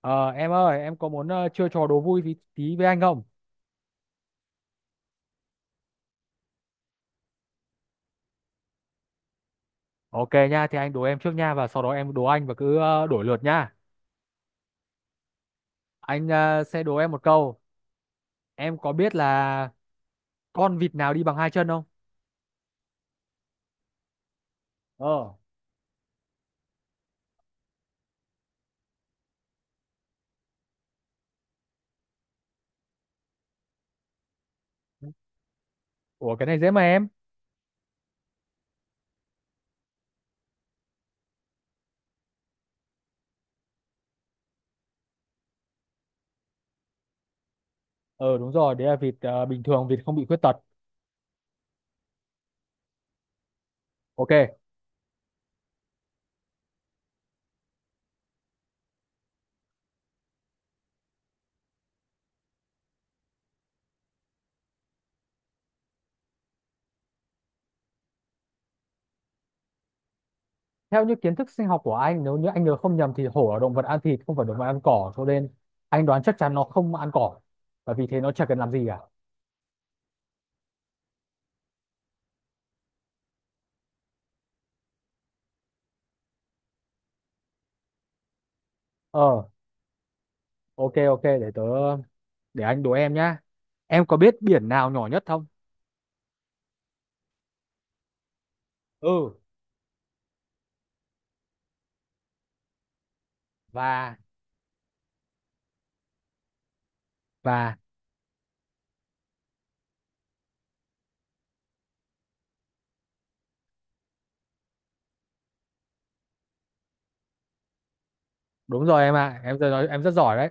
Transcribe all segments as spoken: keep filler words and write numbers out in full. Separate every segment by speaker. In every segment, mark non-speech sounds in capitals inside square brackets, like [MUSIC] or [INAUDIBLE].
Speaker 1: Ờ, em ơi, em có muốn ờ, chơi trò đố vui tí, tí với anh không? Ok nha, thì anh đố em trước nha và sau đó em đố anh và cứ ờ, đổi lượt nha. Anh ờ, sẽ đố em một câu. Em có biết là con vịt nào đi bằng hai chân không? Ờ. Ủa, cái này dễ mà em. Ờ, đúng rồi, đấy là vịt ờ, bình thường, vịt không bị khuyết tật. Ok. Theo những kiến thức sinh học của anh, nếu như anh nhớ không nhầm thì hổ là động vật ăn thịt, không phải động vật ăn cỏ, cho nên anh đoán chắc chắn nó không ăn cỏ. Và vì thế nó chả cần làm gì cả. Ờ, ok, ok, để tớ để anh đố em nhá. Em có biết biển nào nhỏ nhất không? Ừ. và và đúng rồi em ạ, em rất em rất giỏi đấy.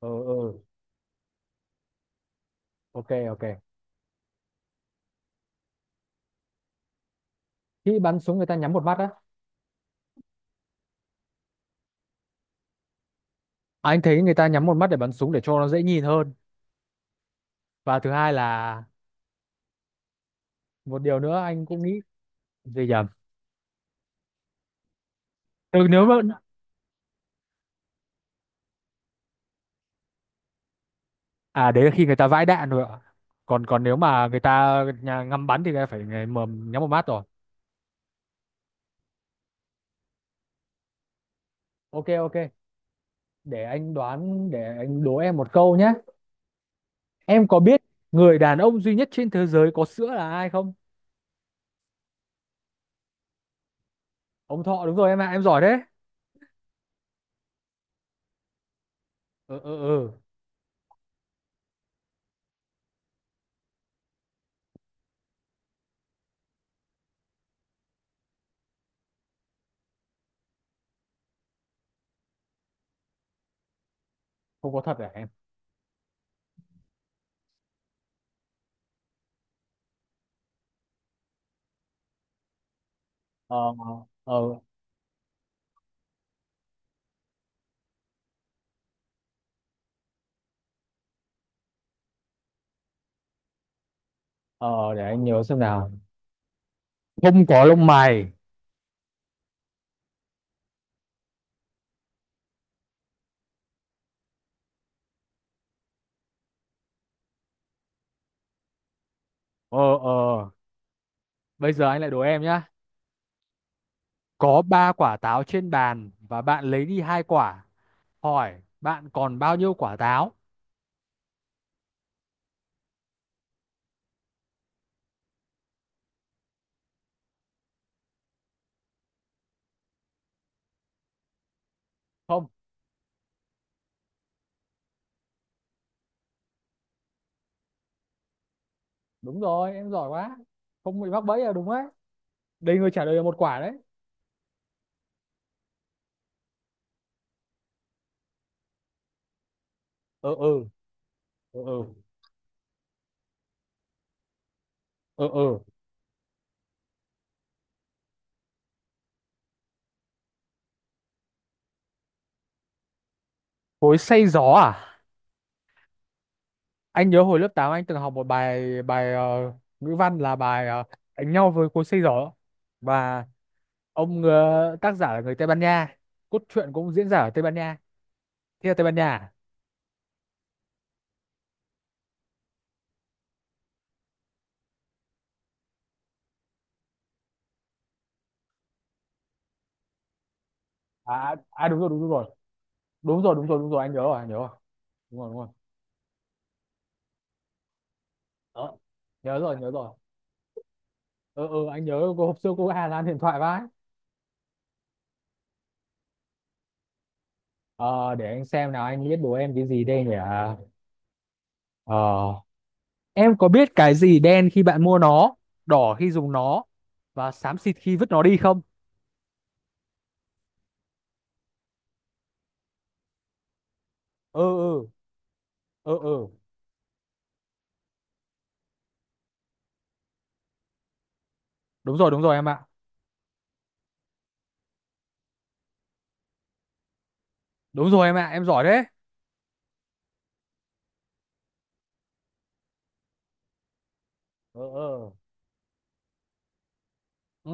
Speaker 1: Ừ, ừ. Ok, ok. Khi bắn súng người ta nhắm một mắt á? Anh thấy người ta nhắm một mắt để bắn súng để cho nó dễ nhìn hơn. Và thứ hai là một điều nữa anh cũng nghĩ. Gì, nhầm. Ừ, nếu mà... À, đấy là khi người ta vãi đạn rồi ạ. Còn còn nếu mà người ta nhà ngắm bắn thì người ta phải người- mà nhắm một mắt rồi. Ok, ok. Để anh đoán để anh đố em một câu nhé. Em có biết người đàn ông duy nhất trên thế giới có sữa là ai không? Ông Thọ, đúng rồi em ạ, em giỏi đấy. Ừ, ừ, ừ. Không có thật à em? Ờ, ờ, ờ, để anh nhớ xem nào. Không có lông mày. Ờ, ờ, bây giờ anh lại đố em nhá. Có ba quả táo trên bàn và bạn lấy đi hai quả. Hỏi bạn còn bao nhiêu quả táo? Không. Đúng rồi, em giỏi quá. Không bị mắc bẫy là đúng đấy. Đây người trả lời là một quả đấy. Ừ, ừ, ừ, ừ, ừ, ừ. Cối xay gió à? Anh nhớ hồi lớp tám anh từng học một bài bài ờ, ngữ văn là bài ờ, đánh nhau với cối xây giỏ. Và ông ờ, tác giả là người Tây Ban Nha. Cốt truyện cũng diễn ra ở Tây Ban Nha, thế là Tây Ban Nha. À, à, à, đúng rồi, đúng rồi, đúng rồi, đúng rồi, đúng rồi, anh nhớ rồi, anh nhớ rồi, đúng rồi, đúng rồi. Đó. Nhớ rồi, nhớ rồi. Ừ, ừ, anh nhớ cô hôm xưa, cô Hà Lan điện thoại vãi. Ờ, để anh xem nào, anh biết đố em cái gì đây nhỉ. Ờ, em có biết cái gì đen khi bạn mua nó, đỏ khi dùng nó, và xám xịt khi vứt nó đi không? Ừ, ừ, ừ, ừ, đúng rồi, đúng rồi em ạ, đúng rồi em ạ, em giỏi đấy. Ừ, ừ, ừ.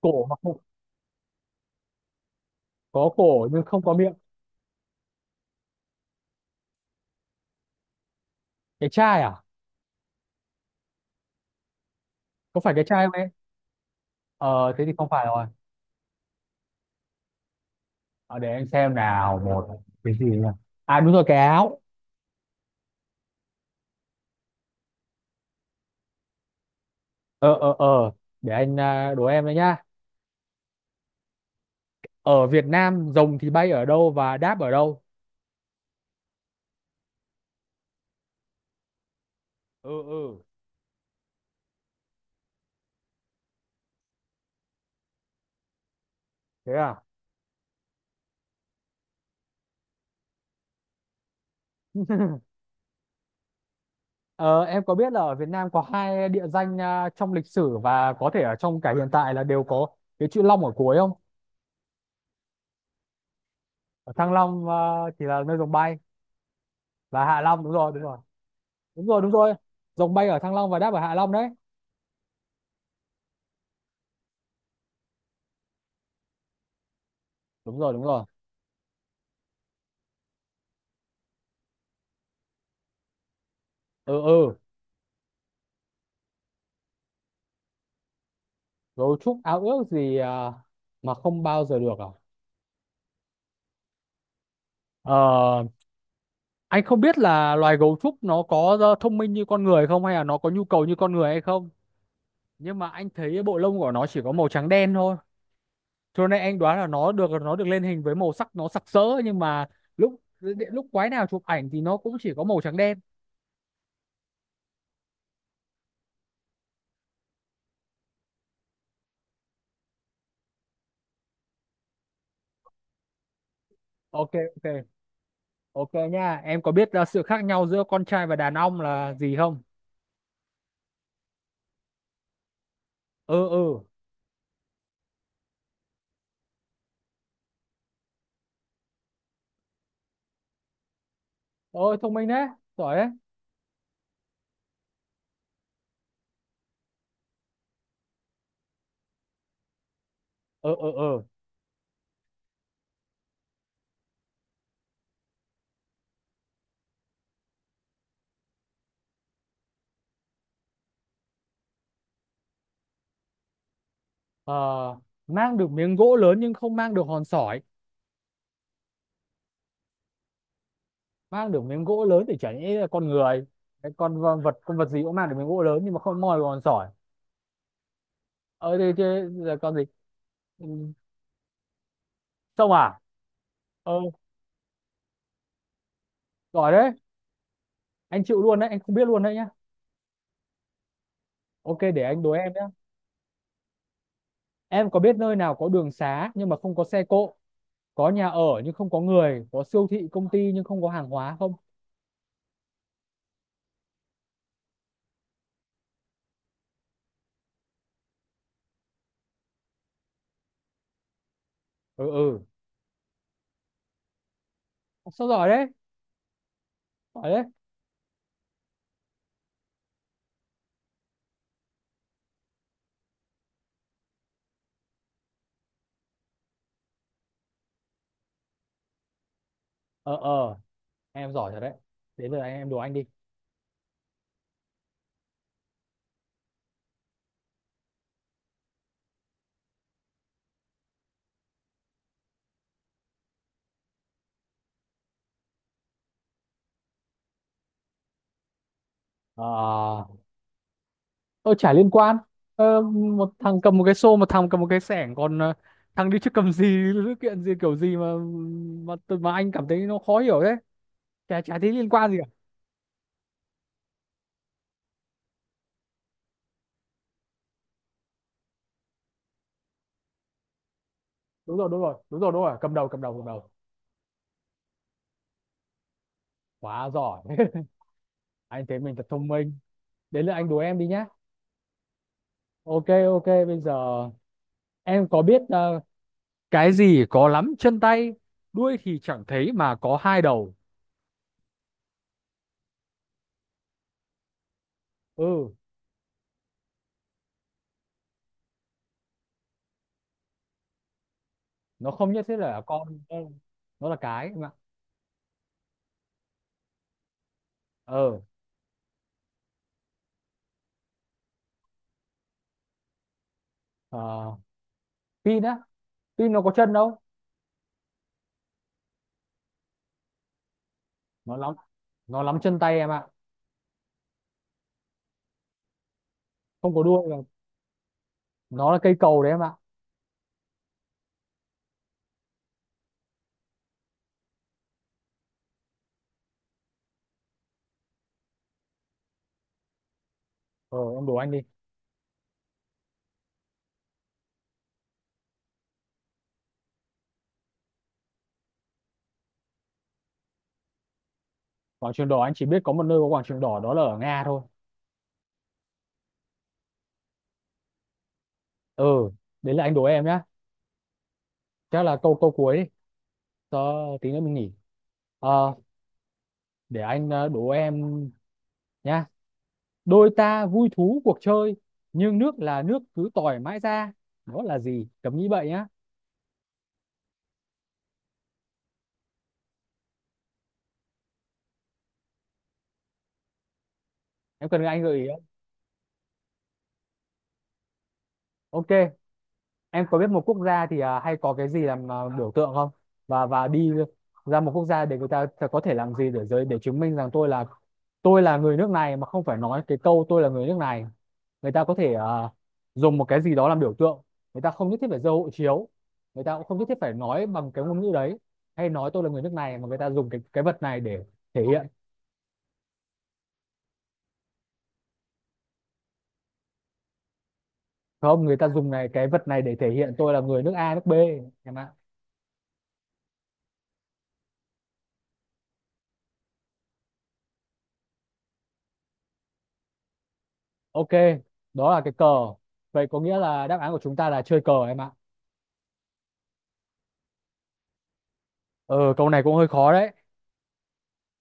Speaker 1: cổ mà không Có cổ nhưng không có miệng. Cái chai à? Có phải cái chai không em? Ờ thế thì không phải rồi. ờ, để anh xem nào, một cái gì nhỉ? À, đúng rồi, cái áo. Ờ, ờ, ờ, để anh à, đố em đấy nhá. Ở Việt Nam rồng thì bay ở đâu và đáp ở đâu? Ừ, ừ, thế à? [LAUGHS] Ờ, em có biết là ở Việt Nam có hai địa danh à, trong lịch sử và có thể ở trong cả hiện tại là đều có cái chữ Long ở cuối không? Ở Thăng Long ờ, chỉ là nơi dòng bay. Và Hạ Long, đúng rồi, đúng rồi. Đúng rồi, đúng rồi. Dòng bay ở Thăng Long và đáp ở Hạ Long đấy. Đúng rồi, đúng rồi. Ừ, ừ. Gấu trúc ao ước gì ờ, mà không bao giờ được à? ờ, anh không biết là loài gấu trúc nó có ờ, thông minh như con người không, hay là nó có nhu cầu như con người hay không. Nhưng mà anh thấy bộ lông của nó chỉ có màu trắng đen thôi. Cho nên anh đoán là nó được nó được lên hình với màu sắc nó sặc sỡ nhưng mà lúc lúc quái nào chụp ảnh thì nó cũng chỉ có màu trắng đen. Ok, ok. Ok nha, em có biết uh, sự khác nhau giữa con trai và đàn ông là gì không? Ừ, ừ. Ôi thông minh đấy, giỏi đấy. Ừ, ừ, ừ. Ờ, mang được miếng gỗ lớn nhưng không mang được hòn sỏi. Mang được miếng gỗ lớn thì chẳng nhẽ là con người. Cái con v- vật con vật gì cũng mang được miếng gỗ lớn nhưng mà không moi được hòn sỏi. Ờ, thế thế là con gì? Ừ. Sông à? Ừ, giỏi đấy. Anh chịu luôn đấy, anh không biết luôn đấy nhá. Ok, để anh đố em nhá. Em có biết nơi nào có đường xá nhưng mà không có xe cộ? Có nhà ở nhưng không có người, có siêu thị công ty nhưng không có hàng hóa không? Ừ, ừ. Sao giỏi đấy, giỏi đấy. Ờ, ờ. Em giỏi thật đấy. Đến giờ anh em đùa anh đi. Ờ, tôi chả liên quan. Ờ, một thằng cầm một cái xô, một thằng cầm một cái xẻng, còn ờ, thằng đi trước cầm gì? Sự kiện gì kiểu gì mà mà tự- mà anh cảm thấy nó khó hiểu thế. Chả chả thấy liên quan gì cả. Đúng rồi, đúng rồi, đúng rồi, đúng rồi, cầm đầu, cầm đầu, cầm đầu. Quá giỏi. [LAUGHS] Anh thấy mình thật thông minh. Đến lượt anh đùa em đi nhá. Ok, ok, bây giờ em có biết ờ, cái gì có lắm chân tay, đuôi thì chẳng thấy mà có hai đầu? Ừ. Nó không nhất thiết là con đâu. Nó là cái em ạ. Ờ, ờ, pin á, pin nó có chân đâu. Nó lắm, nó lắm chân tay em ạ, không có đuôi đâu. Nó là cây cầu đấy em ạ. Ờ, em đố anh đi. Quảng trường đỏ anh chỉ biết có một nơi có quảng trường đỏ đó là ở Nga thôi. Ừ, đấy là anh đố em nhá. Chắc là câu câu cuối đi, cho tí nữa mình nghỉ. Ờ. Để anh ờ, đố em nhá. Đôi ta vui thú cuộc chơi, nhưng nước là nước cứ tỏi mãi ra. Đó là gì? Cấm nghĩ vậy nhá. Em cần anh gợi ý không? Ok. Em có biết một quốc gia thì à, hay có cái gì làm à, biểu tượng không? Và và đi ra một quốc gia để người ta ta có thể làm gì để giới để chứng minh rằng tôi là tôi là người nước này mà không phải nói cái câu tôi là người nước này. Người ta có thể à, dùng một cái gì đó làm biểu tượng. Người ta không nhất thiết phải giơ hộ chiếu. Người ta cũng không nhất thiết phải nói bằng cái ngôn ngữ đấy, hay nói tôi là người nước này mà người ta dùng cái cái vật này để thể hiện. Không, người ta dùng này cái vật này để thể hiện tôi là người nước A nước bê em ạ. Ok. Đó là cái cờ. Vậy có nghĩa là đáp án của chúng ta là chơi cờ em ạ. Ờ, câu này cũng hơi khó đấy.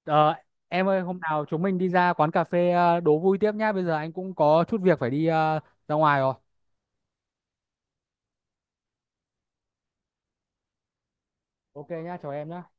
Speaker 1: ờ, em ơi hôm nào chúng mình đi ra quán cà phê ờ, đố vui tiếp nhá, bây giờ anh cũng có chút việc phải đi ờ, ra ngoài rồi. Ok nhá, chào em nhá.